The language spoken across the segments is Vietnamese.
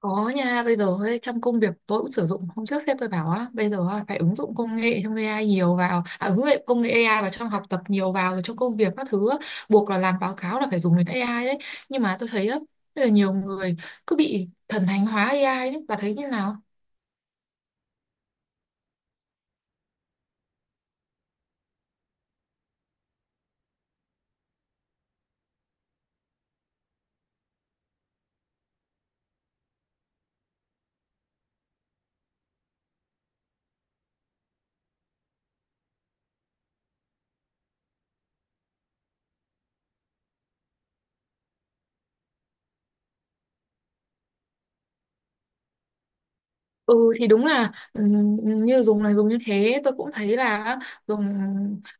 Có nha, bây giờ ấy, trong công việc tôi cũng sử dụng hôm trước sếp tôi bảo á, bây giờ á, phải ứng dụng công nghệ trong AI nhiều vào, ứng dụng công nghệ AI vào trong học tập nhiều vào rồi trong công việc các thứ á, buộc là làm báo cáo là phải dùng đến AI đấy. Nhưng mà tôi thấy á, rất là nhiều người cứ bị thần thánh hóa AI đấy, bà thấy như nào? Ừ thì đúng là như dùng này dùng như thế tôi cũng thấy là dùng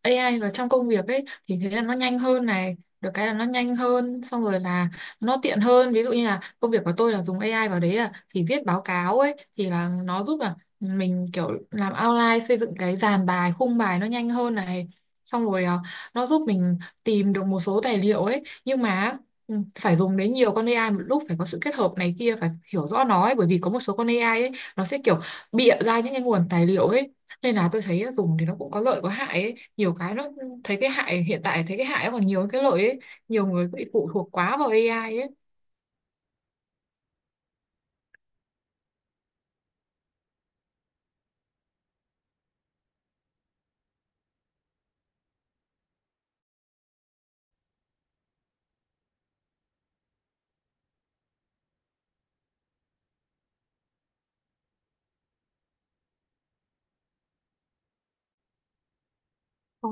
AI vào trong công việc ấy thì thế là nó nhanh hơn này được cái là nó nhanh hơn xong rồi là nó tiện hơn, ví dụ như là công việc của tôi là dùng AI vào đấy à thì viết báo cáo ấy thì là nó giúp là mình kiểu làm outline xây dựng cái dàn bài khung bài nó nhanh hơn này, xong rồi à, nó giúp mình tìm được một số tài liệu ấy, nhưng mà ừ, phải dùng đến nhiều con AI một lúc phải có sự kết hợp này kia phải hiểu rõ nó ấy, bởi vì có một số con AI ấy nó sẽ kiểu bịa ra những cái nguồn tài liệu ấy, nên là tôi thấy dùng thì nó cũng có lợi có hại ấy. Nhiều cái nó thấy cái hại, hiện tại thấy cái hại còn nhiều hơn cái lợi ấy, nhiều người bị phụ thuộc quá vào AI ấy.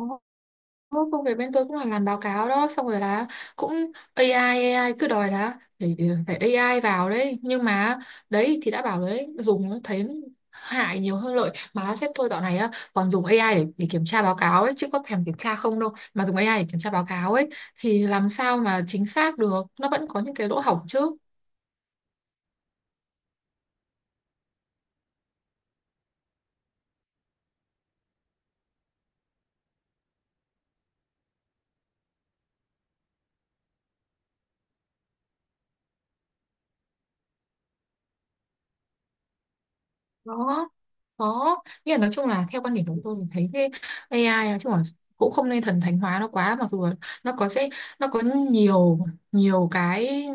Ô, công việc bên tôi cũng là làm báo cáo đó, xong rồi là cũng AI, AI cứ đòi là phải phải AI vào đấy, nhưng mà đấy thì đã bảo rồi đấy, dùng thấy hại nhiều hơn lợi, mà sếp tôi dạo này á còn dùng AI để kiểm tra báo cáo ấy chứ có thèm kiểm tra không đâu, mà dùng AI để kiểm tra báo cáo ấy thì làm sao mà chính xác được, nó vẫn có những cái lỗ hổng chứ. Có có nghĩa là nói chung là theo quan điểm của tôi thì thấy cái AI nói chung là cũng không nên thần thánh hóa nó quá, mặc dù là nó có sẽ nó có nhiều, nhiều cái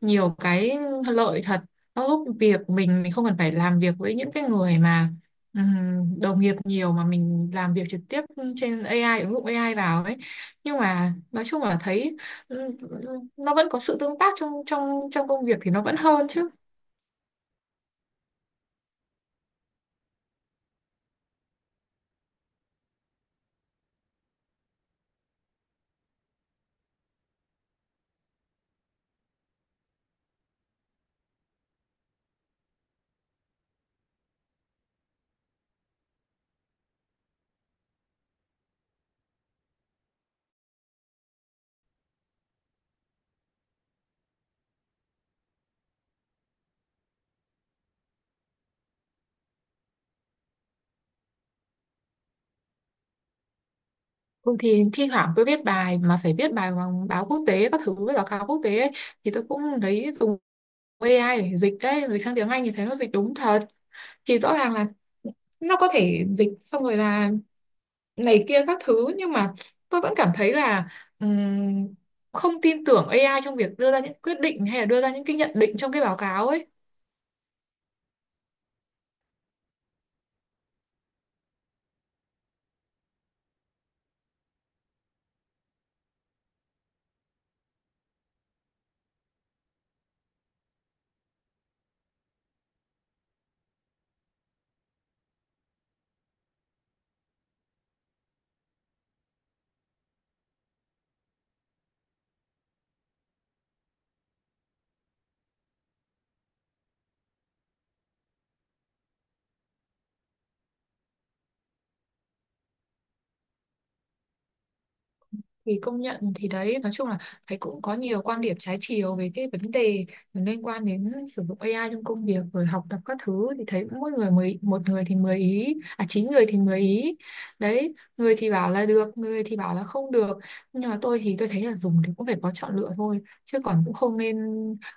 nhiều cái lợi thật, nó giúp việc của mình không cần phải làm việc với những cái người mà đồng nghiệp nhiều mà mình làm việc trực tiếp trên AI, ứng dụng AI vào ấy, nhưng mà nói chung là thấy ừm, nó vẫn có sự tương tác trong trong trong công việc thì nó vẫn hơn chứ. Ừ, thì thi thoảng tôi viết bài mà phải viết bài bằng báo quốc tế các thứ với báo cáo quốc tế ấy, thì tôi cũng lấy dùng AI để dịch đấy, dịch sang tiếng Anh thì thấy nó dịch đúng thật, thì rõ ràng là nó có thể dịch, xong rồi là này kia các thứ, nhưng mà tôi vẫn cảm thấy là ừm, không tin tưởng AI trong việc đưa ra những quyết định hay là đưa ra những cái nhận định trong cái báo cáo ấy. Thì công nhận, thì đấy nói chung là thấy cũng có nhiều quan điểm trái chiều về cái vấn đề liên quan đến sử dụng AI trong công việc rồi học tập các thứ, thì thấy mỗi người mười một người thì mười ý à, chín người thì mười ý đấy, người thì bảo là được, người thì bảo là không được, nhưng mà tôi thì tôi thấy là dùng thì cũng phải có chọn lựa thôi, chứ còn cũng không nên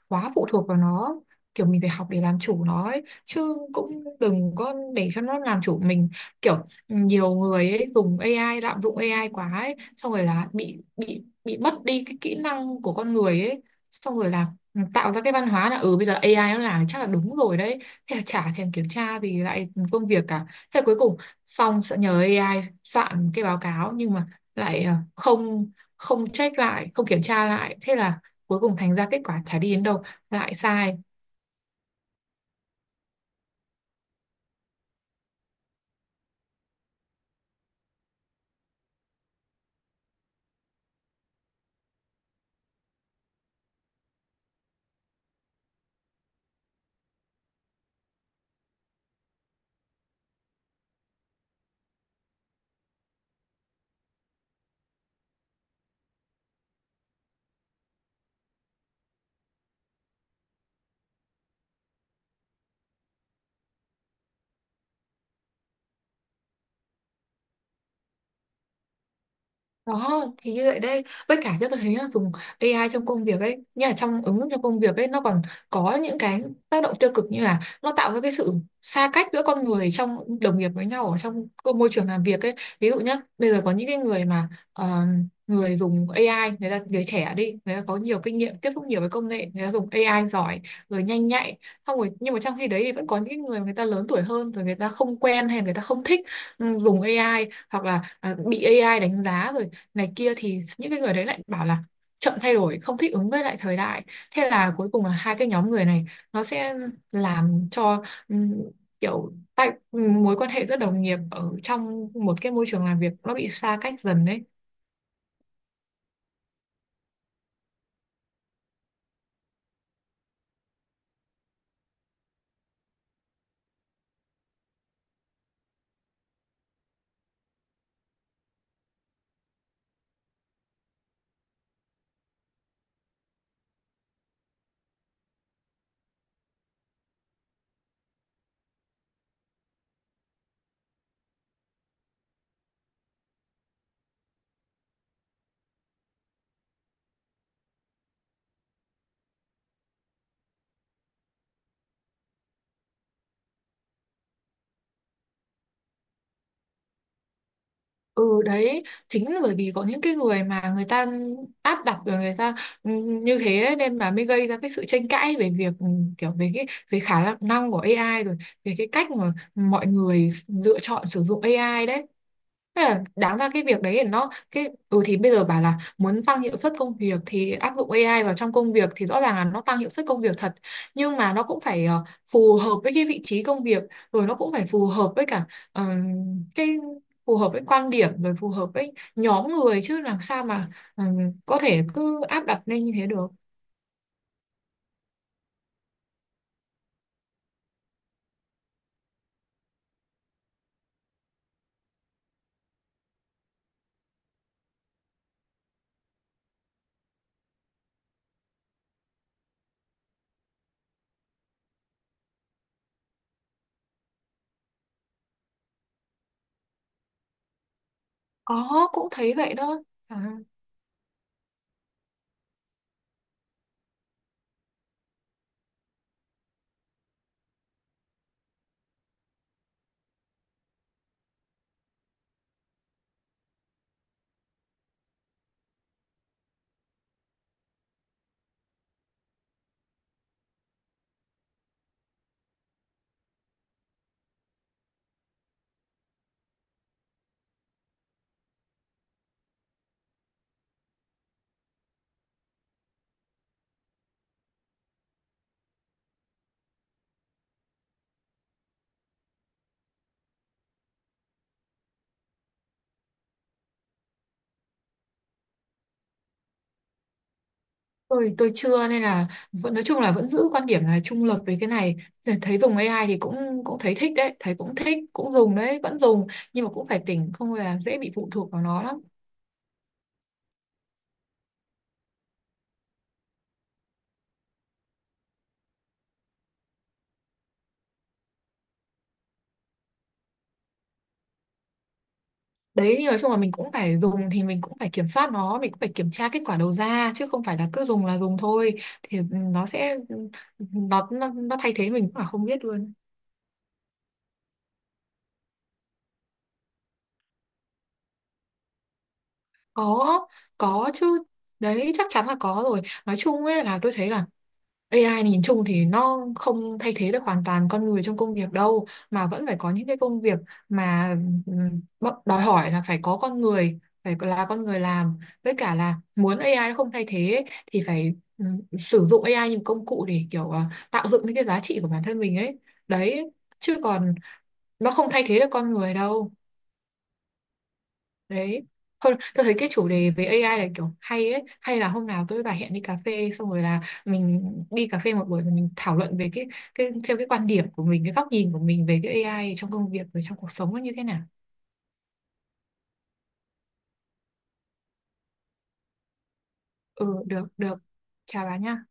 quá phụ thuộc vào nó, kiểu mình phải học để làm chủ nó ấy. Chứ cũng đừng có để cho nó làm chủ mình, kiểu nhiều người ấy dùng AI, lạm dụng AI quá ấy, xong rồi là bị bị mất đi cái kỹ năng của con người ấy, xong rồi là ừ, tạo ra cái văn hóa là ừ bây giờ AI nó làm chắc là đúng rồi đấy, thế là chả thèm kiểm tra thì lại công việc cả, thế là cuối cùng xong sẽ nhờ AI soạn cái báo cáo nhưng mà lại không không check lại, không kiểm tra lại, thế là cuối cùng thành ra kết quả chả đi đến đâu, lại sai. Đó, thì như vậy đây, với cả cho tôi thấy là dùng AI trong công việc ấy, như là trong ứng dụng trong công việc ấy, nó còn có những cái tác động tiêu cực, như là nó tạo ra cái sự xa cách giữa con người trong đồng nghiệp với nhau ở trong cái môi trường làm việc ấy. Ví dụ nhá, bây giờ có những cái người mà người dùng AI, người ta người trẻ đi, người ta có nhiều kinh nghiệm tiếp xúc nhiều với công nghệ, người ta dùng AI giỏi, rồi nhanh nhạy. Xong rồi nhưng mà trong khi đấy thì vẫn có những cái người mà người ta lớn tuổi hơn rồi, người ta không quen hay là người ta không thích ừ, dùng AI, hoặc là bị AI đánh giá rồi này kia, thì những cái người đấy lại bảo là chậm thay đổi, không thích ứng với lại thời đại, thế là cuối cùng là hai cái nhóm người này nó sẽ làm cho ừm, kiểu tại mối quan hệ giữa đồng nghiệp ở trong một cái môi trường làm việc nó bị xa cách dần đấy. Ừ đấy, chính là bởi vì có những cái người mà người ta áp đặt rồi, người ta ừ, như thế ấy, nên mà mới gây ra cái sự tranh cãi về việc ừ, kiểu về cái về khả năng của AI, rồi về cái cách mà mọi người lựa chọn sử dụng AI đấy. Thế là đáng ra cái việc đấy thì nó cái ừ thì bây giờ bảo là muốn tăng hiệu suất công việc thì áp dụng AI vào trong công việc, thì rõ ràng là nó tăng hiệu suất công việc thật, nhưng mà nó cũng phải ờ, phù hợp với cái vị trí công việc, rồi nó cũng phải phù hợp với cả ờ, cái phù hợp với quan điểm, rồi phù hợp với nhóm người, chứ làm sao mà ừ, có thể cứ áp đặt lên như thế được. Có, cũng thấy vậy đó. à, tôi chưa, nên là vẫn nói chung là vẫn giữ quan điểm là trung lập về cái này. Rồi thấy dùng AI thì cũng cũng thấy thích đấy, thấy cũng thích cũng dùng đấy, vẫn dùng, nhưng mà cũng phải tỉnh, không là dễ bị phụ thuộc vào nó lắm. Đấy, nhưng nói chung là mình cũng phải dùng thì mình cũng phải kiểm soát nó, mình cũng phải kiểm tra kết quả đầu ra, chứ không phải là cứ dùng là dùng thôi, thì ừ, nó sẽ nó thay thế mình cũng là không biết luôn. Có có chứ, đấy chắc chắn là có rồi, nói chung ấy là tôi thấy là AI nhìn chung thì nó không thay thế được hoàn toàn con người trong công việc đâu, mà vẫn phải có những cái công việc mà đòi hỏi là phải có con người, phải là con người làm, với cả là muốn AI nó không thay thế ấy, thì phải sử dụng AI như một công cụ để kiểu ờ, tạo dựng những cái giá trị của bản thân mình ấy đấy, chứ còn nó không thay thế được con người đâu đấy. Thôi, tôi thấy cái chủ đề về AI là kiểu hay ấy, hay là hôm nào tôi với bà hẹn đi cà phê, xong rồi là mình đi cà phê một buổi rồi mình thảo luận về cái theo cái quan điểm của mình, cái góc nhìn của mình về cái AI trong công việc và trong cuộc sống nó như thế nào. Ừ được được, chào bà nha.